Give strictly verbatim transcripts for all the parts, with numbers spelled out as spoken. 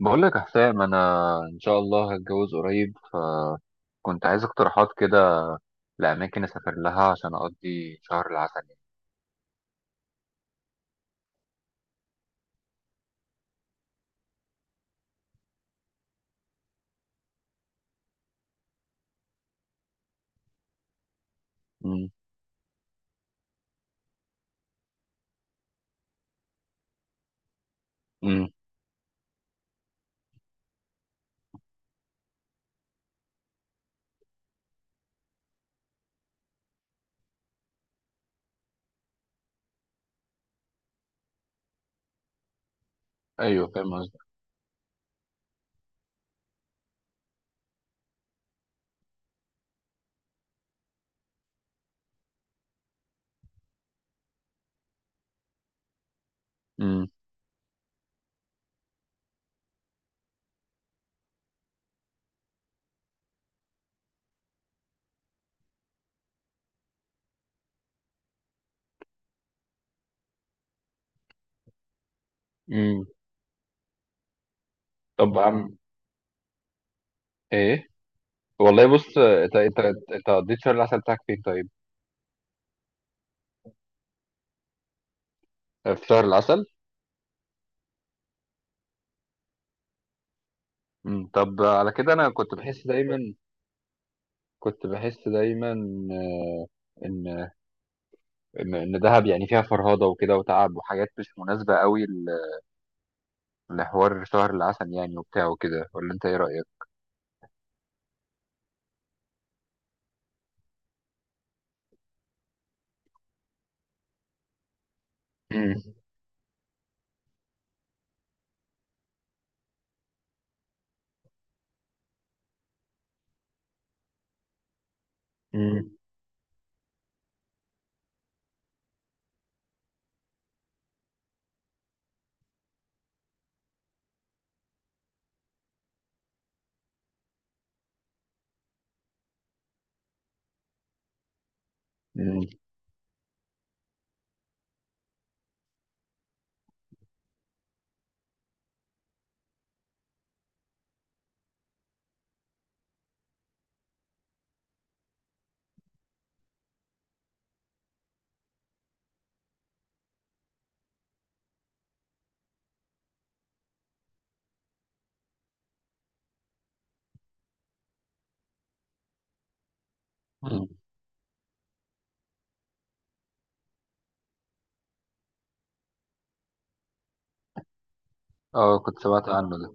بقول لك يا حسام، انا ان شاء الله هتجوز قريب، فكنت عايز اقتراحات كده لاماكن اسافر لها عشان اقضي شهر العسل يعني. امم. امم. ايوه، فاهم قصدك. امم. امم. طب عم ايه، والله بص، انت انت انت قضيت شهر العسل بتاعك فين طيب؟ آه، في شهر العسل. امم. طب على كده انا كنت بحس دايما كنت بحس دايما آه، ان ان إن دهب يعني فيها فرهضه وكده وتعب وحاجات مش مناسبه قوي لحوار شهر العسل يعني وبتاع وكده، ولا انت ايه رأيك؟ مم. مم. مم. مم. اه، كنت سمعت عنه ده.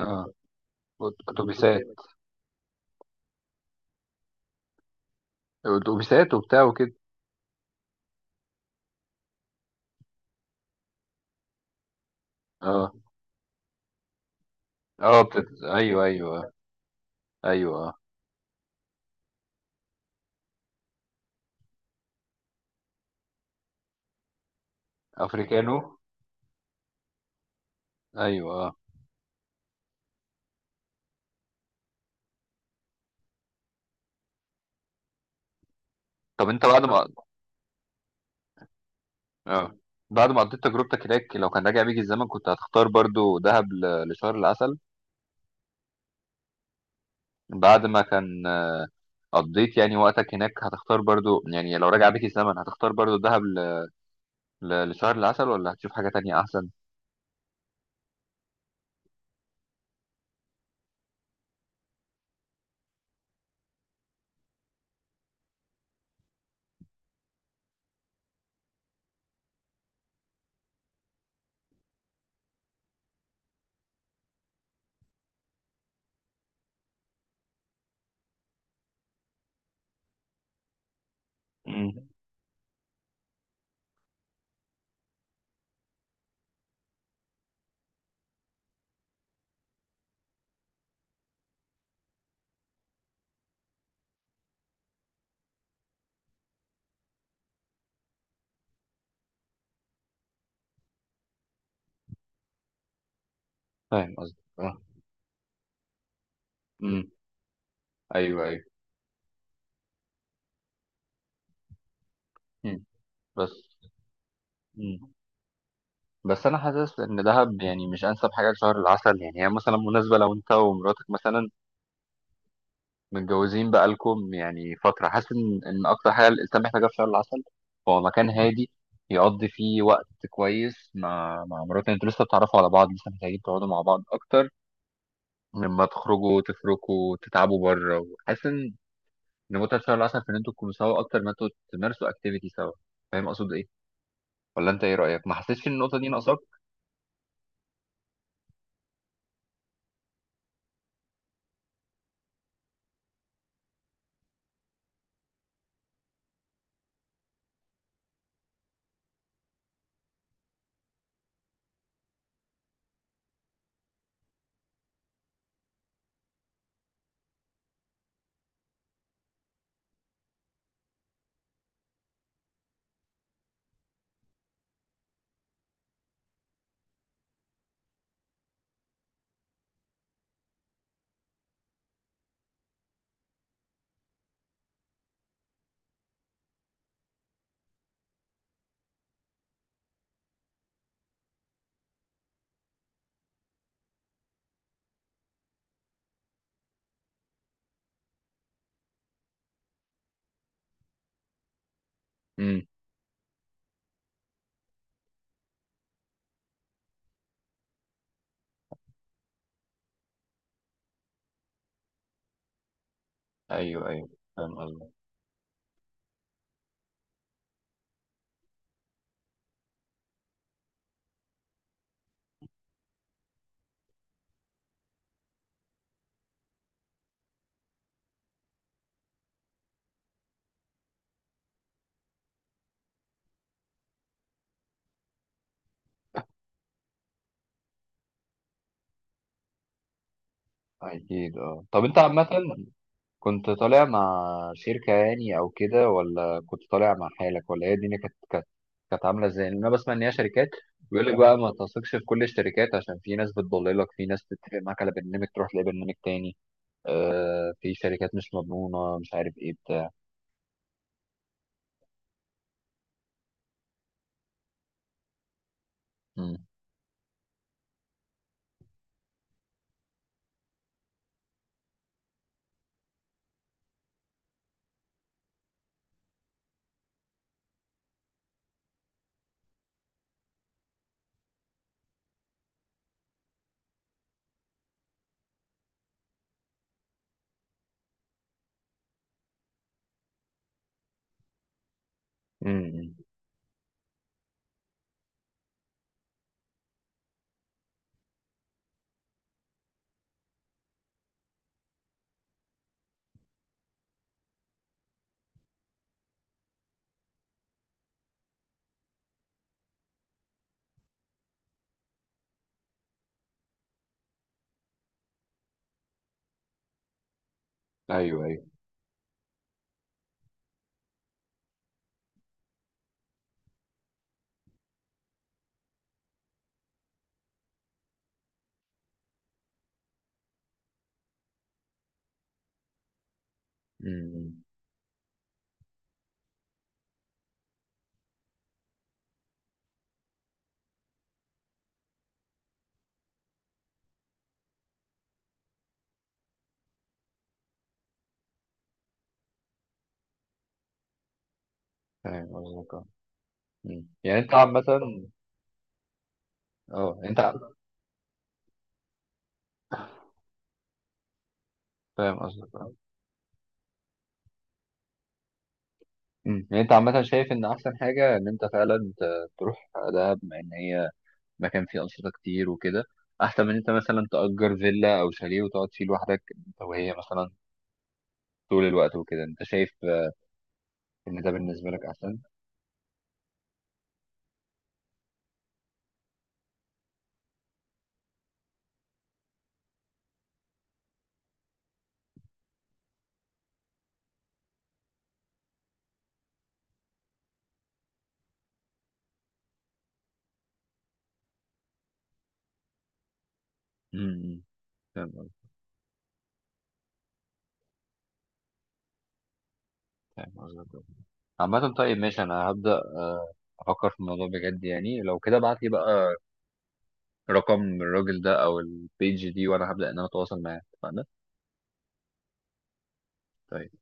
اه. اتوبيسات. اتوبيسات وبتاع وكده. اه. اه. بتت... ايوه ايوه. ايوه. افريكانو. ايوه اه. طب انت بعد ما... اه، بعد ما قضيت تجربتك هناك، لو كان راجع بيك الزمن، كنت هتختار برضو دهب ل... لشهر العسل. بعد ما كان قضيت يعني وقتك هناك هتختار برضو يعني لو راجع بيك الزمن، هتختار برضو دهب ل... ل... لشهر العسل، ولا هتشوف حاجة تانية احسن؟ امم. فاهم قصدك اه. امم. ايوه ايوه. امم. بس. امم. بس انا حاسس ان دهب يعني مش انسب حاجه لشهر العسل يعني. هي مثلا مناسبه لو انت ومراتك مثلا متجوزين بقالكم يعني فتره. حاسس ان ان اكتر حاجه الانسان محتاجها في شهر العسل هو مكان هادي يقضي فيه وقت كويس مع مع مراتك. انتوا لسه بتتعرفوا على بعض، لسه محتاجين تقعدوا مع بعض اكتر، لما تخرجوا تفركوا تتعبوا بره. وحاسس ان إن متعه شهر العسل في ان انتوا تكونوا سوا اكتر ما انتوا تمارسوا اكتيفيتي سوا. فاهم اقصد ايه؟ ولا انت ايه رأيك؟ ما حسيتش ان النقطة دي ناقصاك؟ امم. ايوه ايوه. فاهم قصدك. اكيد اه. طب انت عامة كنت طالع مع شركة يعني او كده، ولا كنت طالع مع حالك، ولا هي الدنيا كانت كانت كانت عاملة ازاي؟ لان انا بسمع ان هي شركات بيقول لك بقى ما تثقش في كل الشركات، عشان في ناس بتضللك، في ناس بتتفق معاك على برنامج تروح تلاقي برنامج تاني. آه، في شركات مش مضمونة، مش عارف ايه بتاع. امم. امم. ايوه ايوه. امم. أمم. فاهم قصدك اه. مم. يعني انت عامة اه. انت فاهم قصدك اه. أمم. يعني انت عامة شايف ان احسن حاجة ان انت فعلا ت- تروح دهب بما ان هي مكان فيه انشطة كتير وكده، احسن من إن انت مثلا تأجر فيلا او شاليه وتقعد فيه لوحدك انت وهي مثلا طول الوقت وكده؟ انت شايف آه، ان ده بالنسبة لك احسن؟ أمم. فاهم قصدك. فاهم قصدك اه. عامة طيب ماشي. انا هبدأ آه، افكر في الموضوع بجد يعني. لو كده ابعت لي بقى رقم الراجل ده او البيج دي، وانا هبدأ ان انا اتواصل معاه. اتفقنا؟ طيب.